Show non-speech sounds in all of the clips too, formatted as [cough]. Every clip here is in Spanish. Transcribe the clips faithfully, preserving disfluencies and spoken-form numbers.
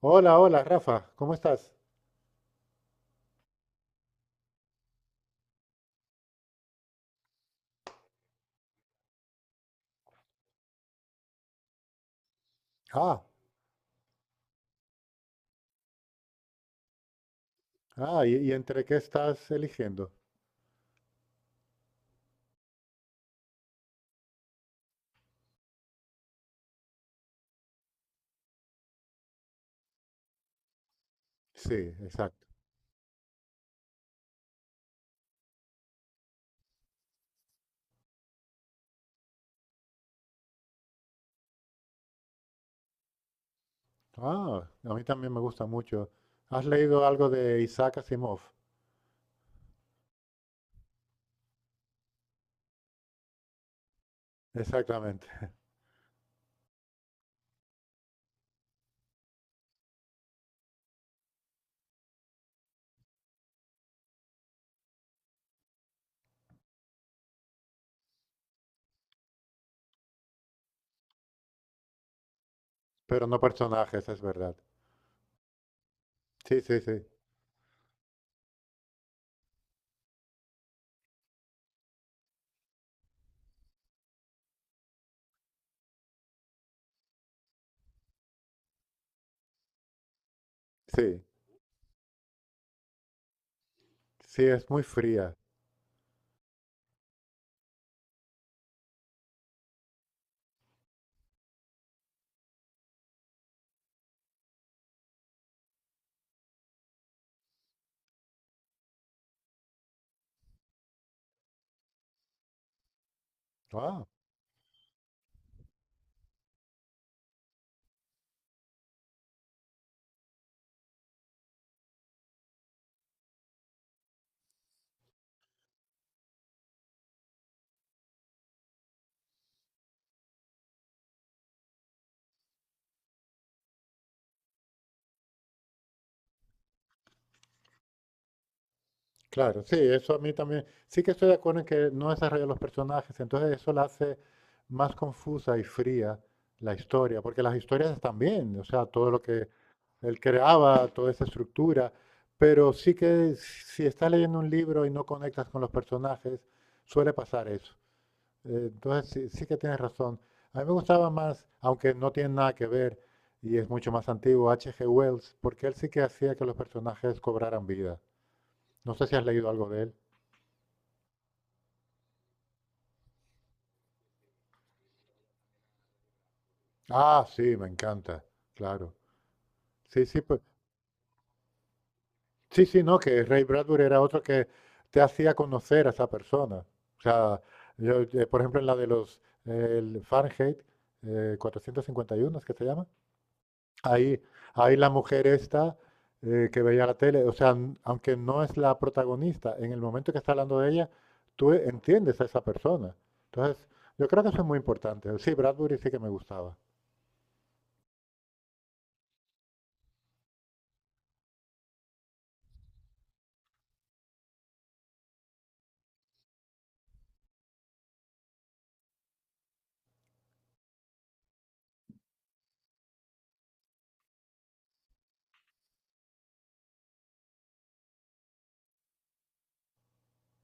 Hola, hola, Rafa, ¿cómo estás? Ah, ah, ¿y, y entre qué estás eligiendo? Sí, exacto. Ah, a mí también me gusta mucho. ¿Has leído algo de Isaac Asimov? Exactamente, [laughs] pero no personajes, es verdad. Sí, sí, sí, sí, sí, es muy fría. Ah, claro, sí, eso a mí también. Sí que estoy de acuerdo en que no desarrolla los personajes, entonces eso la hace más confusa y fría la historia, porque las historias están bien, o sea, todo lo que él creaba toda esa estructura, pero sí que si estás leyendo un libro y no conectas con los personajes, suele pasar eso. Eh, Entonces sí, sí que tienes razón. A mí me gustaba más, aunque no tiene nada que ver y es mucho más antiguo, H. G. Wells, porque él sí que hacía que los personajes cobraran vida. No sé si has leído algo de él. Ah, sí, me encanta, claro. Sí, sí, pues, sí, sí, no, que Ray Bradbury era otro que te hacía conocer a esa persona. O sea, yo, eh, por ejemplo, en la de los eh, el Fahrenheit eh, cuatrocientos cincuenta y uno, es que se llama, ahí, ahí la mujer esta eh, que veía la tele, o sea, n- aunque no es la protagonista, en el momento que está hablando de ella, tú entiendes a esa persona. Entonces, yo creo que eso es muy importante. Sí, Bradbury sí que me gustaba.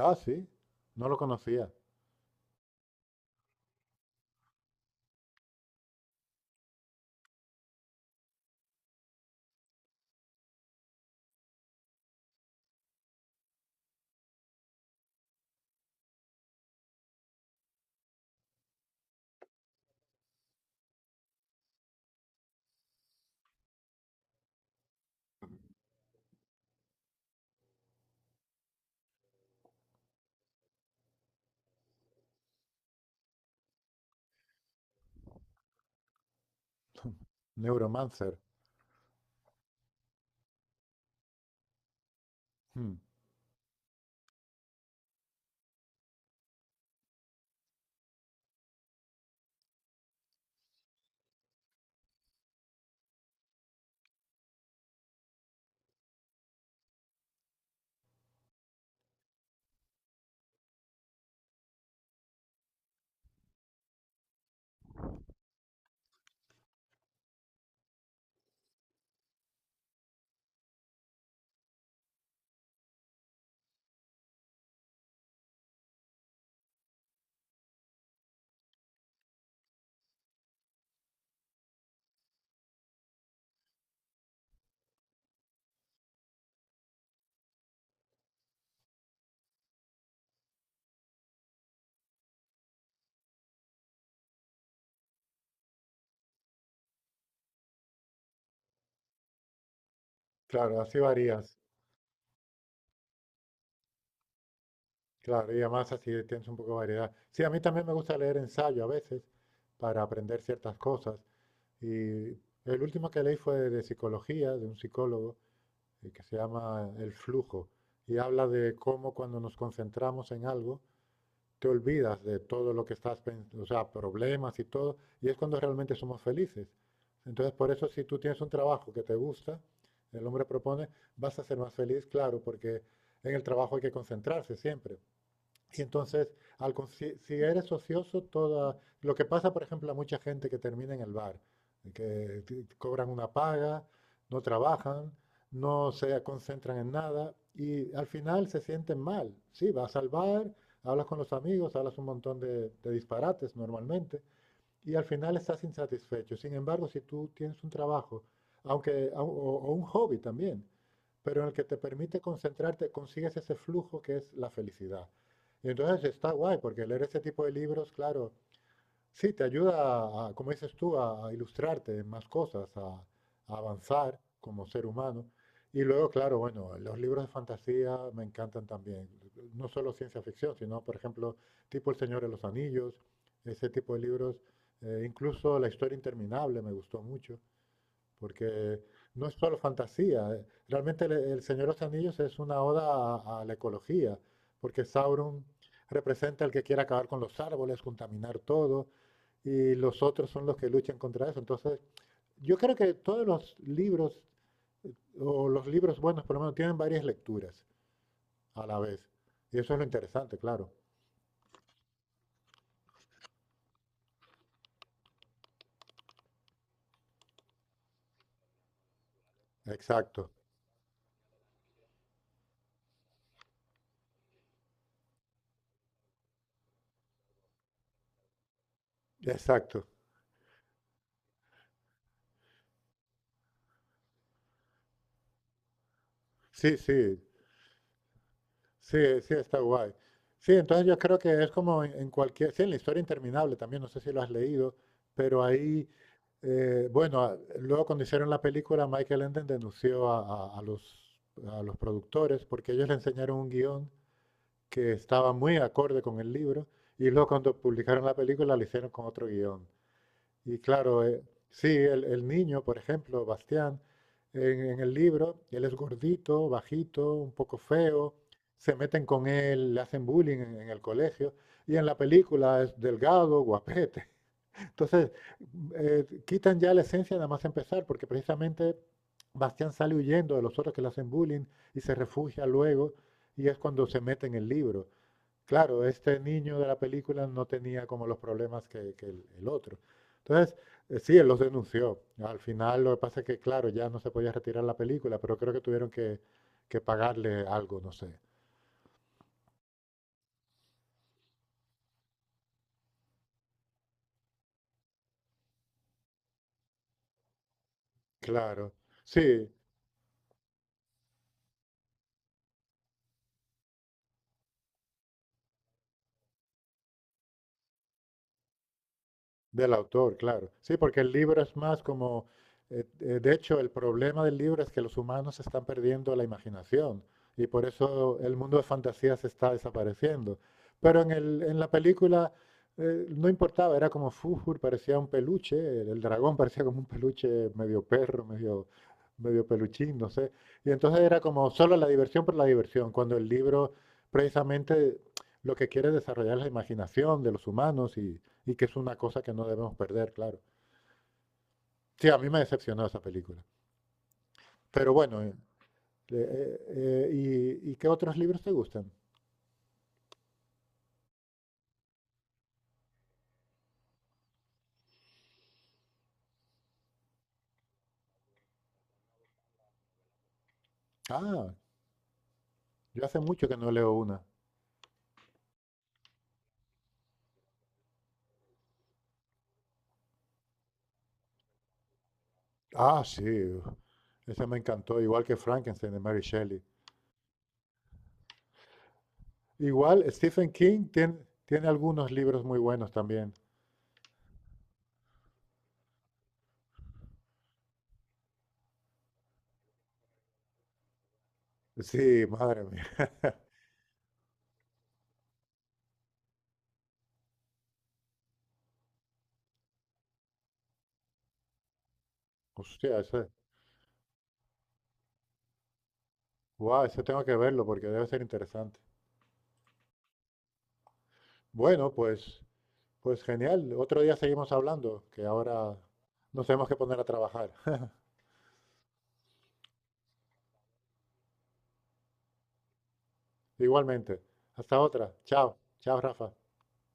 Ah, sí, no lo conocía. [laughs] Neuromancer. Hmm. Claro, así varía. Claro, y además así tienes un poco de variedad. Sí, a mí también me gusta leer ensayo a veces para aprender ciertas cosas. Y el último que leí fue de psicología, de un psicólogo, eh, que se llama El Flujo, y habla de cómo cuando nos concentramos en algo, te olvidas de todo lo que estás pensando, o sea, problemas y todo, y es cuando realmente somos felices. Entonces, por eso si tú tienes un trabajo que te gusta, el hombre propone, vas a ser más feliz, claro, porque en el trabajo hay que concentrarse siempre. Y entonces, al con- si, si eres ocioso, toda, lo que pasa, por ejemplo, a mucha gente que termina en el bar, que ti- cobran una paga, no trabajan, no se concentran en nada y al final se sienten mal. Sí, vas al bar, hablas con los amigos, hablas un montón de, de disparates normalmente, y al final estás insatisfecho. Sin embargo, si tú tienes un trabajo, aunque, o, o un hobby también, pero en el que te permite concentrarte, consigues ese flujo que es la felicidad. Y entonces está guay, porque leer ese tipo de libros, claro, sí, te ayuda, a, como dices tú, a, a ilustrarte en más cosas, a, a avanzar como ser humano. Y luego, claro, bueno, los libros de fantasía me encantan también. No solo ciencia ficción, sino, por ejemplo, tipo El Señor de los Anillos, ese tipo de libros. Eh, incluso La historia interminable me gustó mucho porque no es solo fantasía. eh, Realmente el, el Señor de los Anillos es una oda a, a la ecología, porque Sauron representa el que quiere acabar con los árboles, contaminar todo, y los otros son los que luchan contra eso. Entonces, yo creo que todos los libros, o los libros buenos por lo menos, tienen varias lecturas a la vez. Y eso es lo interesante, claro. Exacto, exacto. Sí, sí. Sí, sí, está guay. Sí, entonces yo creo que es como en, en cualquier, sí, en la historia interminable también, no sé si lo has leído, pero ahí, eh, bueno, a- luego cuando hicieron la película, Michael Enden denunció a, a- a los, a los productores porque ellos le enseñaron un guión que estaba muy acorde con el libro y luego cuando publicaron la película lo hicieron con otro guión. Y claro, eh, sí, el, el niño, por ejemplo, Bastián, en, en el libro, él es gordito, bajito, un poco feo, se meten con él, le hacen bullying en, en el colegio, y en la película es delgado, guapete. [laughs] Entonces, eh, quitan ya la esencia nada más empezar, porque precisamente Bastián sale huyendo de los otros que le hacen bullying y se refugia luego, y es cuando se mete en el libro. Claro, este niño de la película no tenía como los problemas que, que el, el otro. Entonces, eh, sí, él los denunció. Al final, lo que pasa es que, claro, ya no se podía retirar la película, pero creo que tuvieron que, que pagarle algo, no sé. Claro, sí. Del autor, claro. Sí, porque el libro es más como, eh, eh, de hecho, el problema del libro es que los humanos están perdiendo la imaginación y por eso el mundo de fantasía se está desapareciendo. Pero en el, en la película eh, no importaba, era como Fujur, parecía un peluche, el, el dragón parecía como un peluche medio perro, medio, medio peluchín, no sé. Y entonces era como solo la diversión por la diversión, cuando el libro precisamente lo que quiere es desarrollar la imaginación de los humanos y, y que es una cosa que no debemos perder, claro. Sí, a mí me decepcionó esa película. Pero bueno, eh, eh, eh, ¿y, y qué otros libros te gustan? Ah, yo hace mucho que no leo una. Ah, sí, ese me encantó, igual que Frankenstein de Mary Shelley. Igual Stephen King tiene, tiene algunos libros muy buenos también. Sí, madre mía. [laughs] Hostia, ese, wow, ese tengo que verlo porque debe ser interesante. Bueno, pues, pues genial. Otro día seguimos hablando, que ahora nos tenemos que poner a trabajar. Igualmente. Hasta otra. Chao. Chao, Rafa.